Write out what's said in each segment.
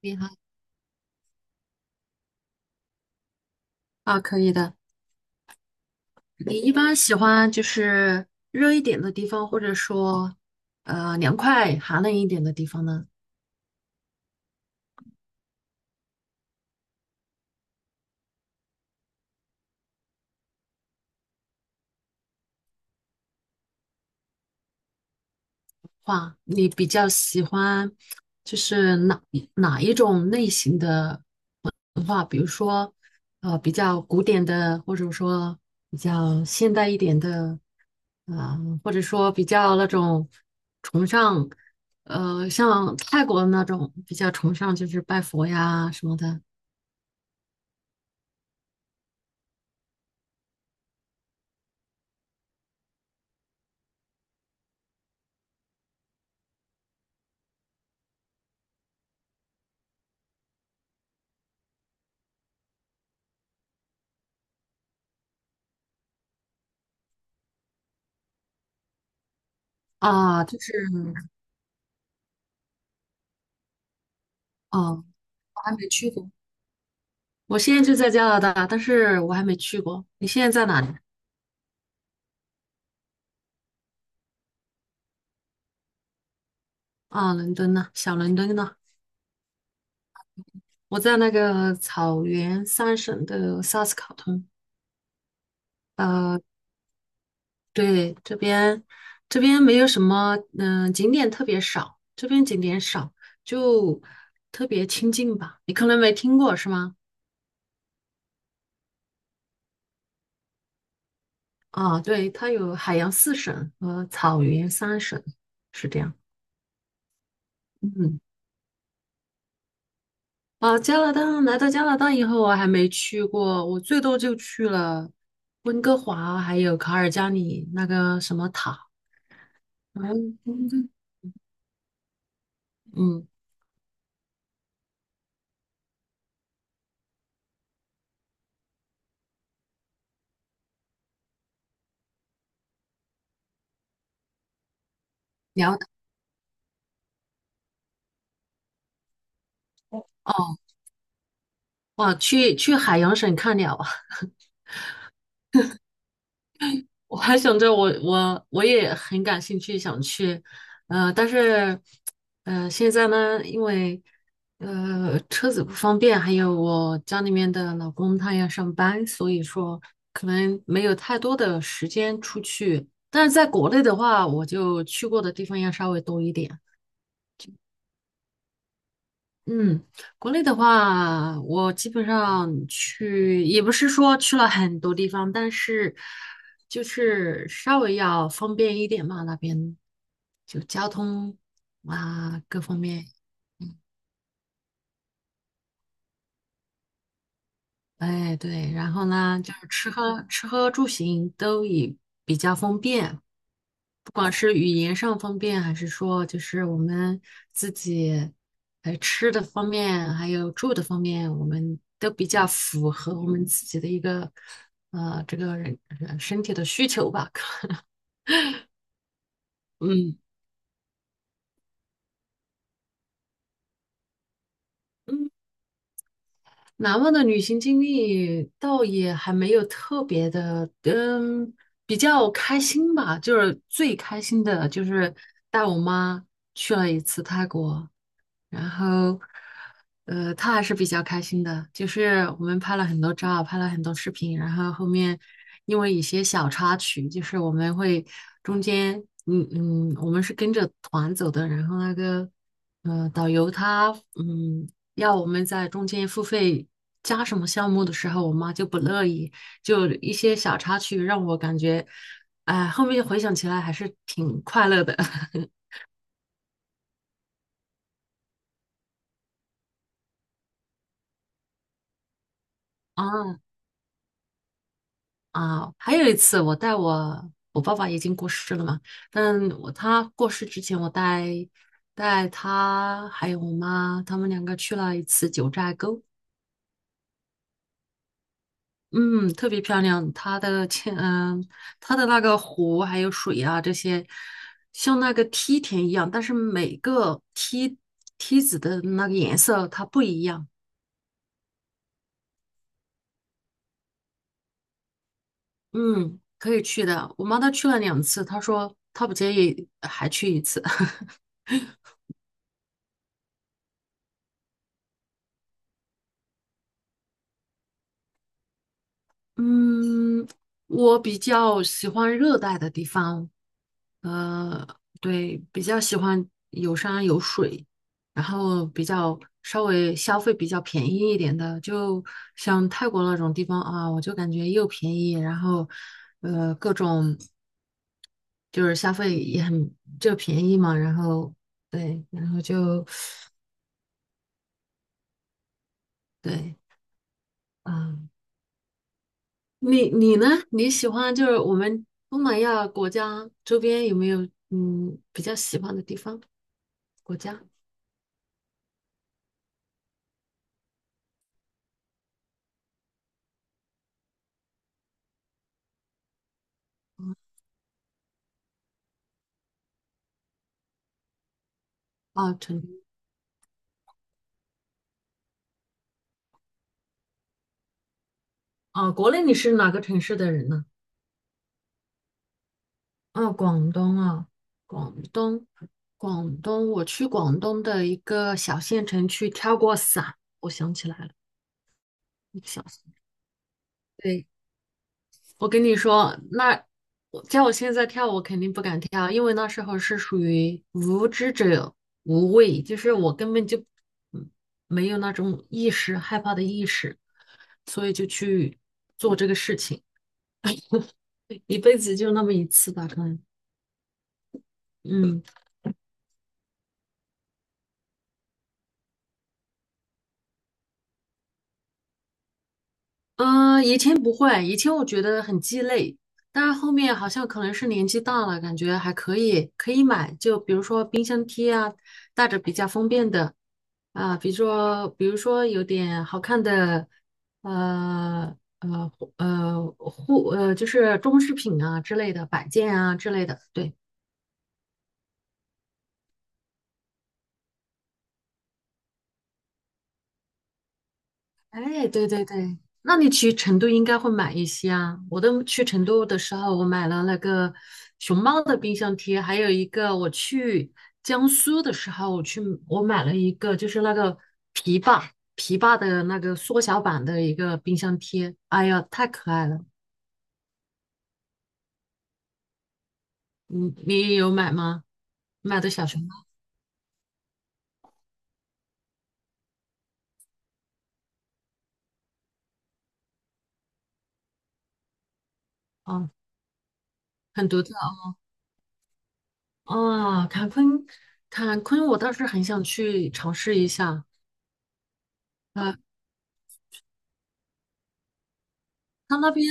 你好，啊，可以的。你一般喜欢就是热一点的地方，或者说凉快、寒冷一点的地方的话，你比较喜欢就是哪一种类型的文化？比如说比较古典的，或者说比较现代一点的，啊、或者说比较那种崇尚像泰国的那种比较崇尚就是拜佛呀什么的。啊，就是哦，我还没去过。我现在就在加拿大，但是我还没去过。你现在在哪里？啊，伦敦呢？小伦敦呢？我在那个草原三省的萨斯卡通。呃，对，这边没有什么，嗯、景点特别少，这边景点少，就特别清静吧。你可能没听过是吗？啊，对，它有海洋四省和草原三省，是这样。嗯。啊，加拿大来到加拿大以后，我还没去过，我最多就去了温哥华，还有卡尔加里那个什么塔，嗯嗯，嗯，辽塔哦，哇，去海洋省看鸟啊，我还想着我也很感兴趣，想去，但是，现在呢，因为车子不方便，还有我家里面的老公他要上班，所以说可能没有太多的时间出去。但是在国内的话，我就去过的地方要稍微多一点。嗯，国内的话，我基本上去，也不是说去了很多地方，但是就是稍微要方便一点嘛，那边就交通啊各方面。哎，对，然后呢，就是吃喝住行都以比较方便，不管是语言上方便，还是说就是我们自己，吃的方面，还有住的方面，我们都比较符合我们自己的一个，这个人身体的需求吧。嗯嗯难忘的旅行经历倒也还没有特别的，嗯，比较开心吧。就是最开心的就是带我妈去了一次泰国，然后，呃，他还是比较开心的，就是我们拍了很多照，拍了很多视频，然后后面因为一些小插曲，就是我们会中间，嗯嗯，我们是跟着团走的，然后那个，导游他，嗯，要我们在中间付费加什么项目的时候，我妈就不乐意，就一些小插曲让我感觉，哎、后面回想起来还是挺快乐的。啊，啊，还有一次，我带我爸爸已经过世了嘛，但我他过世之前，我带带他还有我妈，他们两个去了一次九寨沟，嗯，特别漂亮。它的天，嗯，它的那个湖还有水啊，这些像那个梯田一样，但是每个梯子的那个颜色它不一样。嗯，可以去的。我妈她去了两次，她说她不介意还去一次。嗯，我比较喜欢热带的地方，呃，对，比较喜欢有山有水，然后比较稍微消费比较便宜一点的，就像泰国那种地方啊，我就感觉又便宜，然后各种就是消费也很就便宜嘛，然后对，然后就对，啊、你你呢？你喜欢就是我们东南亚国家周边有没有嗯比较喜欢的地方、国家啊、城啊？国内你是哪个城市的人呢？啊，广东啊，广东，广东，我去广东的一个小县城去跳过伞，我想起来了，一个小县，对，我跟你说，那我叫我现在跳，我肯定不敢跳，因为那时候是属于无知者无畏，就是我根本就嗯没有那种意识，害怕的意识，所以就去做这个事情，一辈子就那么一次吧，可能，嗯。嗯，以前不会，以前我觉得很鸡肋，但是后面好像可能是年纪大了，感觉还可以，可以买。就比如说冰箱贴啊，带着比较方便的啊，比如说有点好看的，呃呃呃护呃就是装饰品啊之类的摆件啊之类的，对。哎，对对对，那你去成都应该会买一些啊。我都去成都的时候，我买了那个熊猫的冰箱贴，还有一个我去江苏的时候，我去我买了一个，就是那个琵琶琵琶的那个缩小版的一个冰箱贴。哎呀，太可爱了！你你有买吗？买的小熊猫啊，很独特啊。哦，啊坎昆，坎昆，我倒是很想去尝试一下。呃，他那边。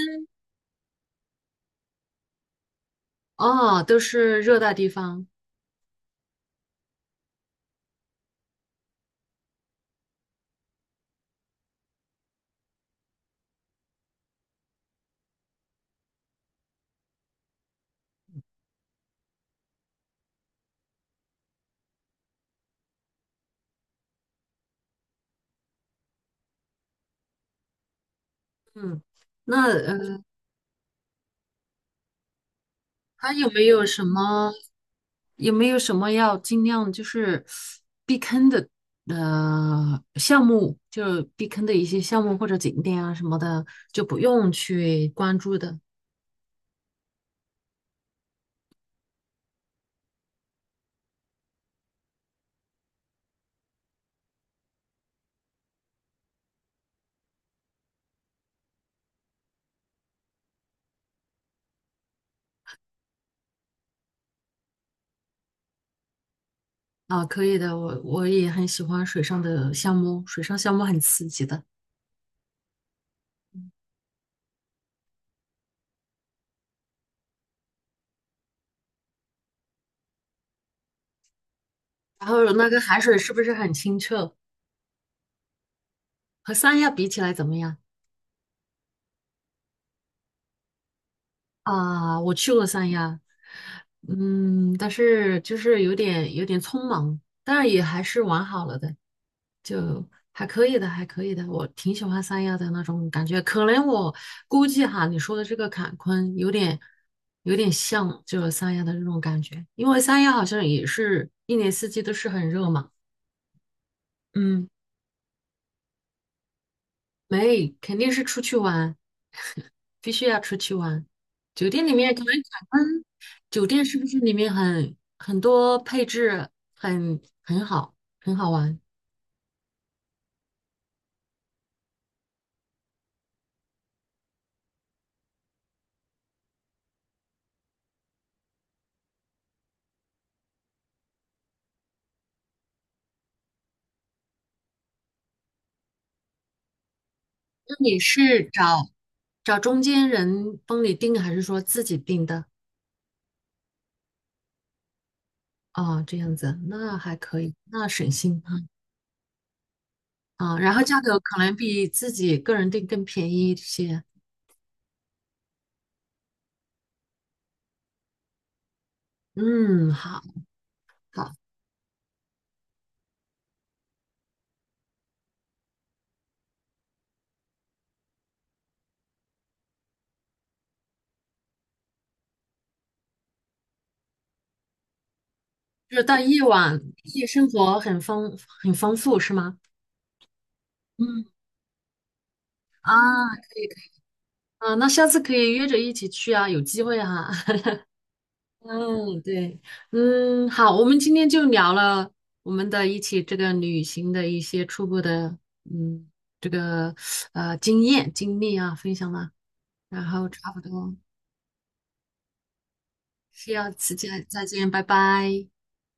哦，都是热带地方。嗯，那呃，还有没有什么要尽量就是避坑的项目，就是避坑的一些项目或者景点啊什么的，就不用去关注的。啊，可以的。我也很喜欢水上的项目，水上项目很刺激的。然后那个海水是不是很清澈？和三亚比起来怎么样？啊，我去过三亚，嗯，但是就是有点匆忙，但是也还是玩好了的，还可以的，还可以的，我挺喜欢三亚的那种感觉。可能我估计哈，你说的这个坎昆有点像就是三亚的这种感觉，因为三亚好像也是一年四季都是很热嘛。嗯，没，肯定是出去玩。必须要出去玩。酒店里面可能感恩，酒店是不是里面很多配置很好，很好玩？那你是找中间人帮你订，还是说自己订的？啊？这样子，那还可以，那省心啊。哦然后价格可能比自己个人订更便宜一些。嗯，好好，就是到夜晚，夜生活很丰富，是吗？嗯啊，可以。啊，那下次可以约着一起去啊，有机会哈、嗯，对，嗯，好，我们今天就聊了我们的一起这个旅行的一些初步的，嗯，这个呃经验经历啊，分享了，然后差不多，是要此见再见，拜拜。